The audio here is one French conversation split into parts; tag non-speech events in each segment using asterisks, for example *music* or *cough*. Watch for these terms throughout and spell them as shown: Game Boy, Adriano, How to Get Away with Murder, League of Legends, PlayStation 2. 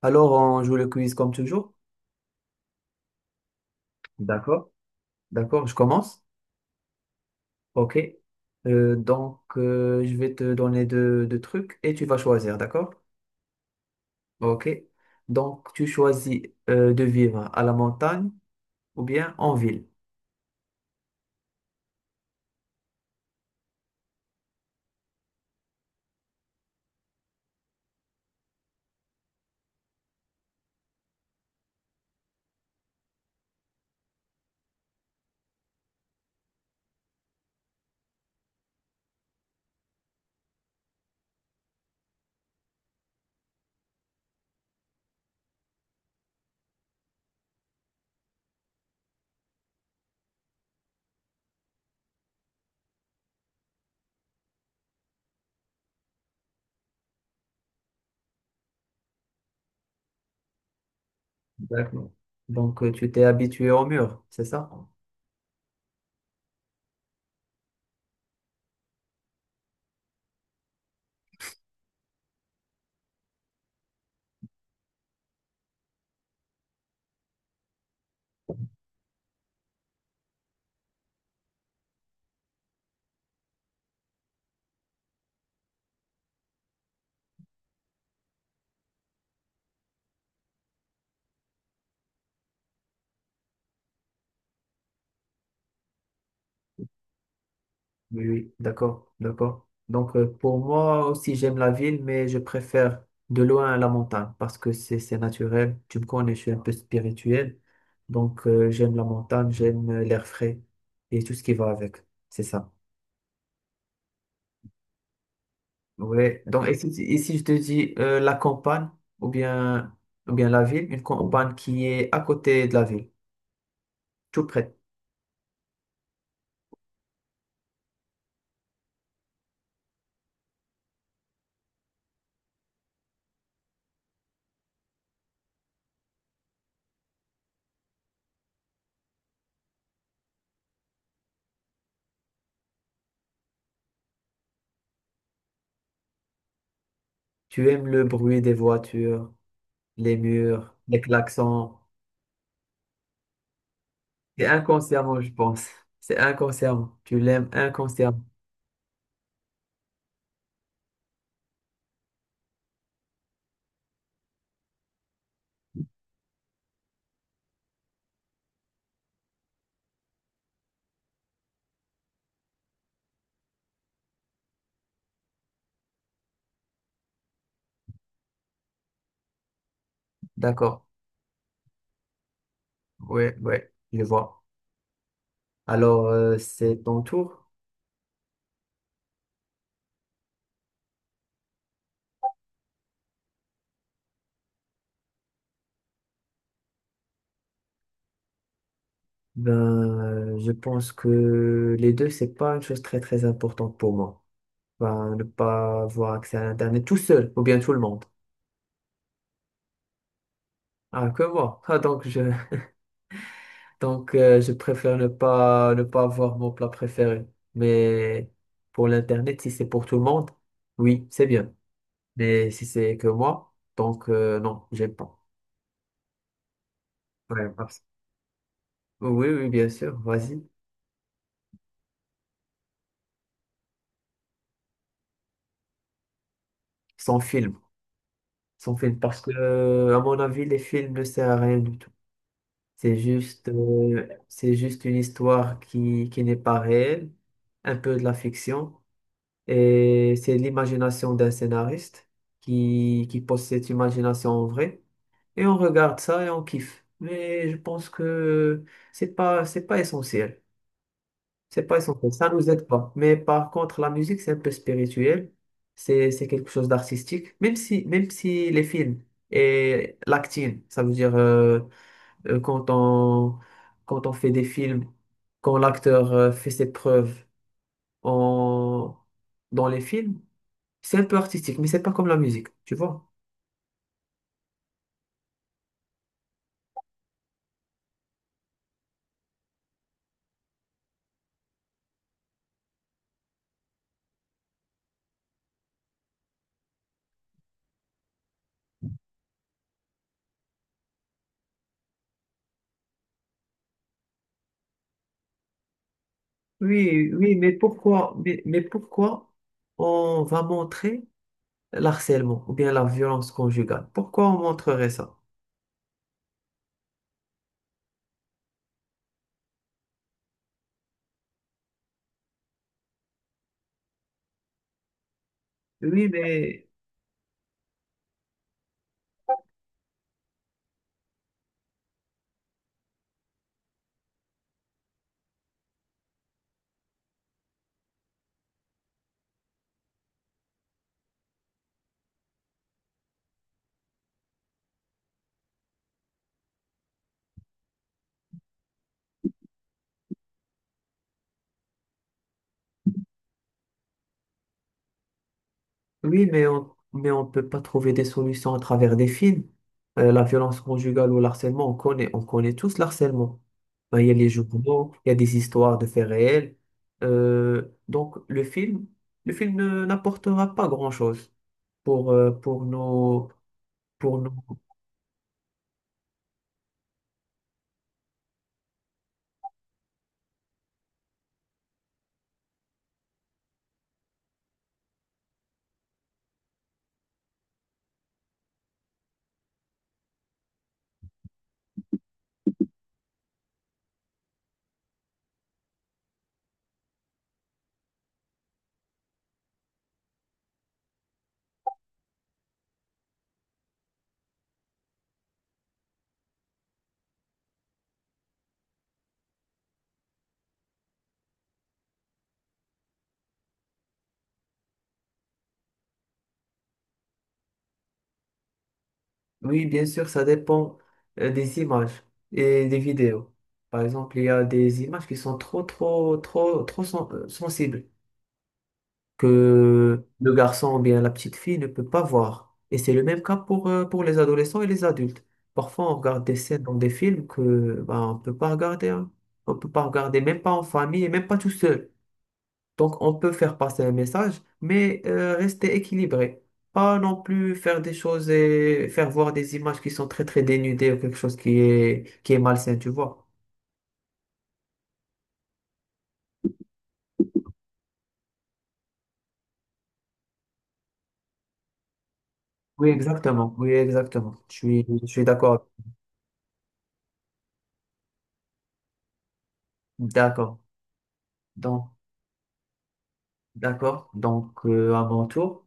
Alors, on joue le quiz comme toujours. D'accord. D'accord, je commence. OK. Je vais te donner deux trucs et tu vas choisir, d'accord? OK. Donc, tu choisis de vivre à la montagne ou bien en ville. D'accord. Donc, tu t'es habitué au mur, c'est ça? Oui, oui, d'accord, d'accord. Donc, pour moi aussi, j'aime la ville, mais je préfère de loin la montagne parce que c'est naturel. Tu me connais, je suis un peu spirituel. Donc, j'aime la montagne, j'aime l'air frais et tout ce qui va avec. C'est ça. Ouais. Donc, et si je te dis la campagne ou bien, ou bien la ville, une campagne qui est à côté de la ville, tout près. Tu aimes le bruit des voitures, les murs, les klaxons. C'est inconsciemment, je pense. C'est inconsciemment. Tu l'aimes inconsciemment. D'accord. Ouais, ouais, je vois. Alors, c'est ton tour. Ben, je pense que les deux, c'est pas une chose très, très importante pour moi. Ben, ne pas avoir accès à Internet tout seul, ou bien tout le monde. Ah, que moi. *laughs* Ah, donc, je, *laughs* donc, je préfère ne pas avoir mon plat préféré. Mais pour l'Internet, si c'est pour tout le monde, oui, c'est bien. Mais si c'est que moi, donc, non, j'aime pas. Ouais, parce- Oui, oui, bien sûr, vas-y. Sans film. Sans film. Parce que, à mon avis, les films ne servent à rien du tout. C'est juste une histoire qui n'est pas réelle, un peu de la fiction. Et c'est l'imagination d'un scénariste qui pose cette imagination en vrai. Et on regarde ça et on kiffe. Mais je pense que c'est pas essentiel. C'est pas essentiel, ça nous aide pas. Mais par contre, la musique, c'est un peu spirituel. C'est quelque chose d'artistique. Même si les films et l'acting, ça veut dire quand on, quand on fait des films, quand l'acteur fait ses preuves en, dans les films, c'est un peu artistique, mais c'est pas comme la musique, tu vois? Oui, oui, mais pourquoi on va montrer l'harcèlement ou bien la violence conjugale? Pourquoi on montrerait ça? Oui, mais, oui, mais on peut pas trouver des solutions à travers des films. La violence conjugale ou l'harcèlement, on connaît tous l'harcèlement. Ben, il y a les journaux, il y a des histoires de faits réels. Donc, le film ne- n'apportera pas grand-chose pour, euh, pour nos, pour nos... Oui, bien sûr, ça dépend des images et des vidéos. Par exemple, il y a des images qui sont trop sensibles, que le garçon ou bien la petite fille ne peut pas voir. Et c'est le même cas pour les adolescents et les adultes. Parfois, on regarde des scènes dans des films que ben, on peut pas regarder, hein. On peut pas regarder, même pas en famille et même pas tout seul. Donc, on peut faire passer un message, mais rester équilibré. Pas non plus faire des choses et faire voir des images qui sont très très dénudées ou quelque chose qui est malsain, tu vois. Oui, exactement. Oui, exactement. Je suis d'accord. D'accord. Donc, D'accord, donc à mon tour,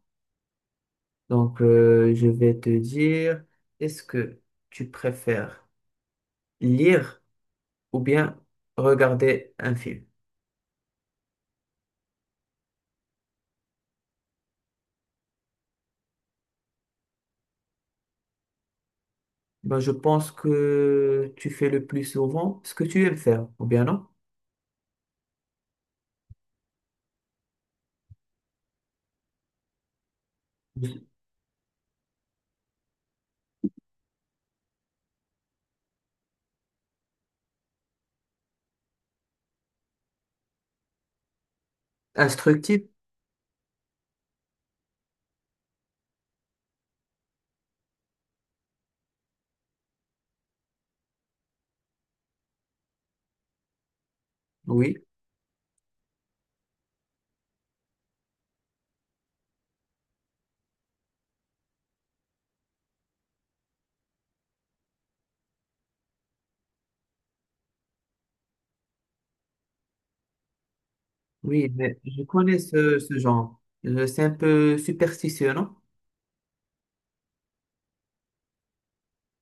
donc je vais te dire, est-ce que tu préfères lire ou bien regarder un film? Ben, je pense que tu fais le plus souvent ce que tu aimes faire, ou bien non? Instructif, oui, oui, mais je connais ce genre. C'est un peu superstitieux, non?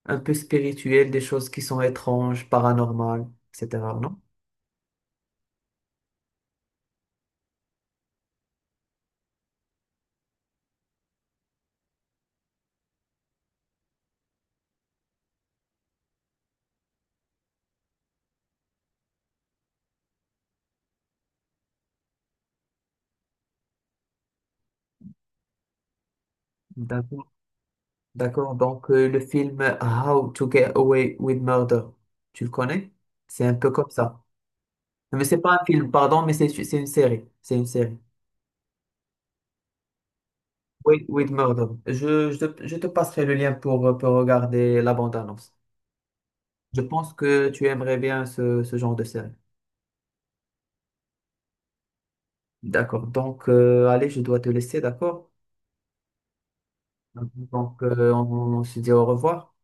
Un peu spirituel, des choses qui sont étranges, paranormales, etc., non? D'accord. D'accord, donc le film How to Get Away with Murder, tu le connais? C'est un peu comme ça. Mais c'est pas un film, pardon, mais c'est une série. C'est une série. Oui, with Murder. Je te passerai le lien pour regarder la bande-annonce. Je pense que tu aimerais bien ce genre de série. D'accord, donc allez, je dois te laisser, d'accord? Donc on se dit au revoir.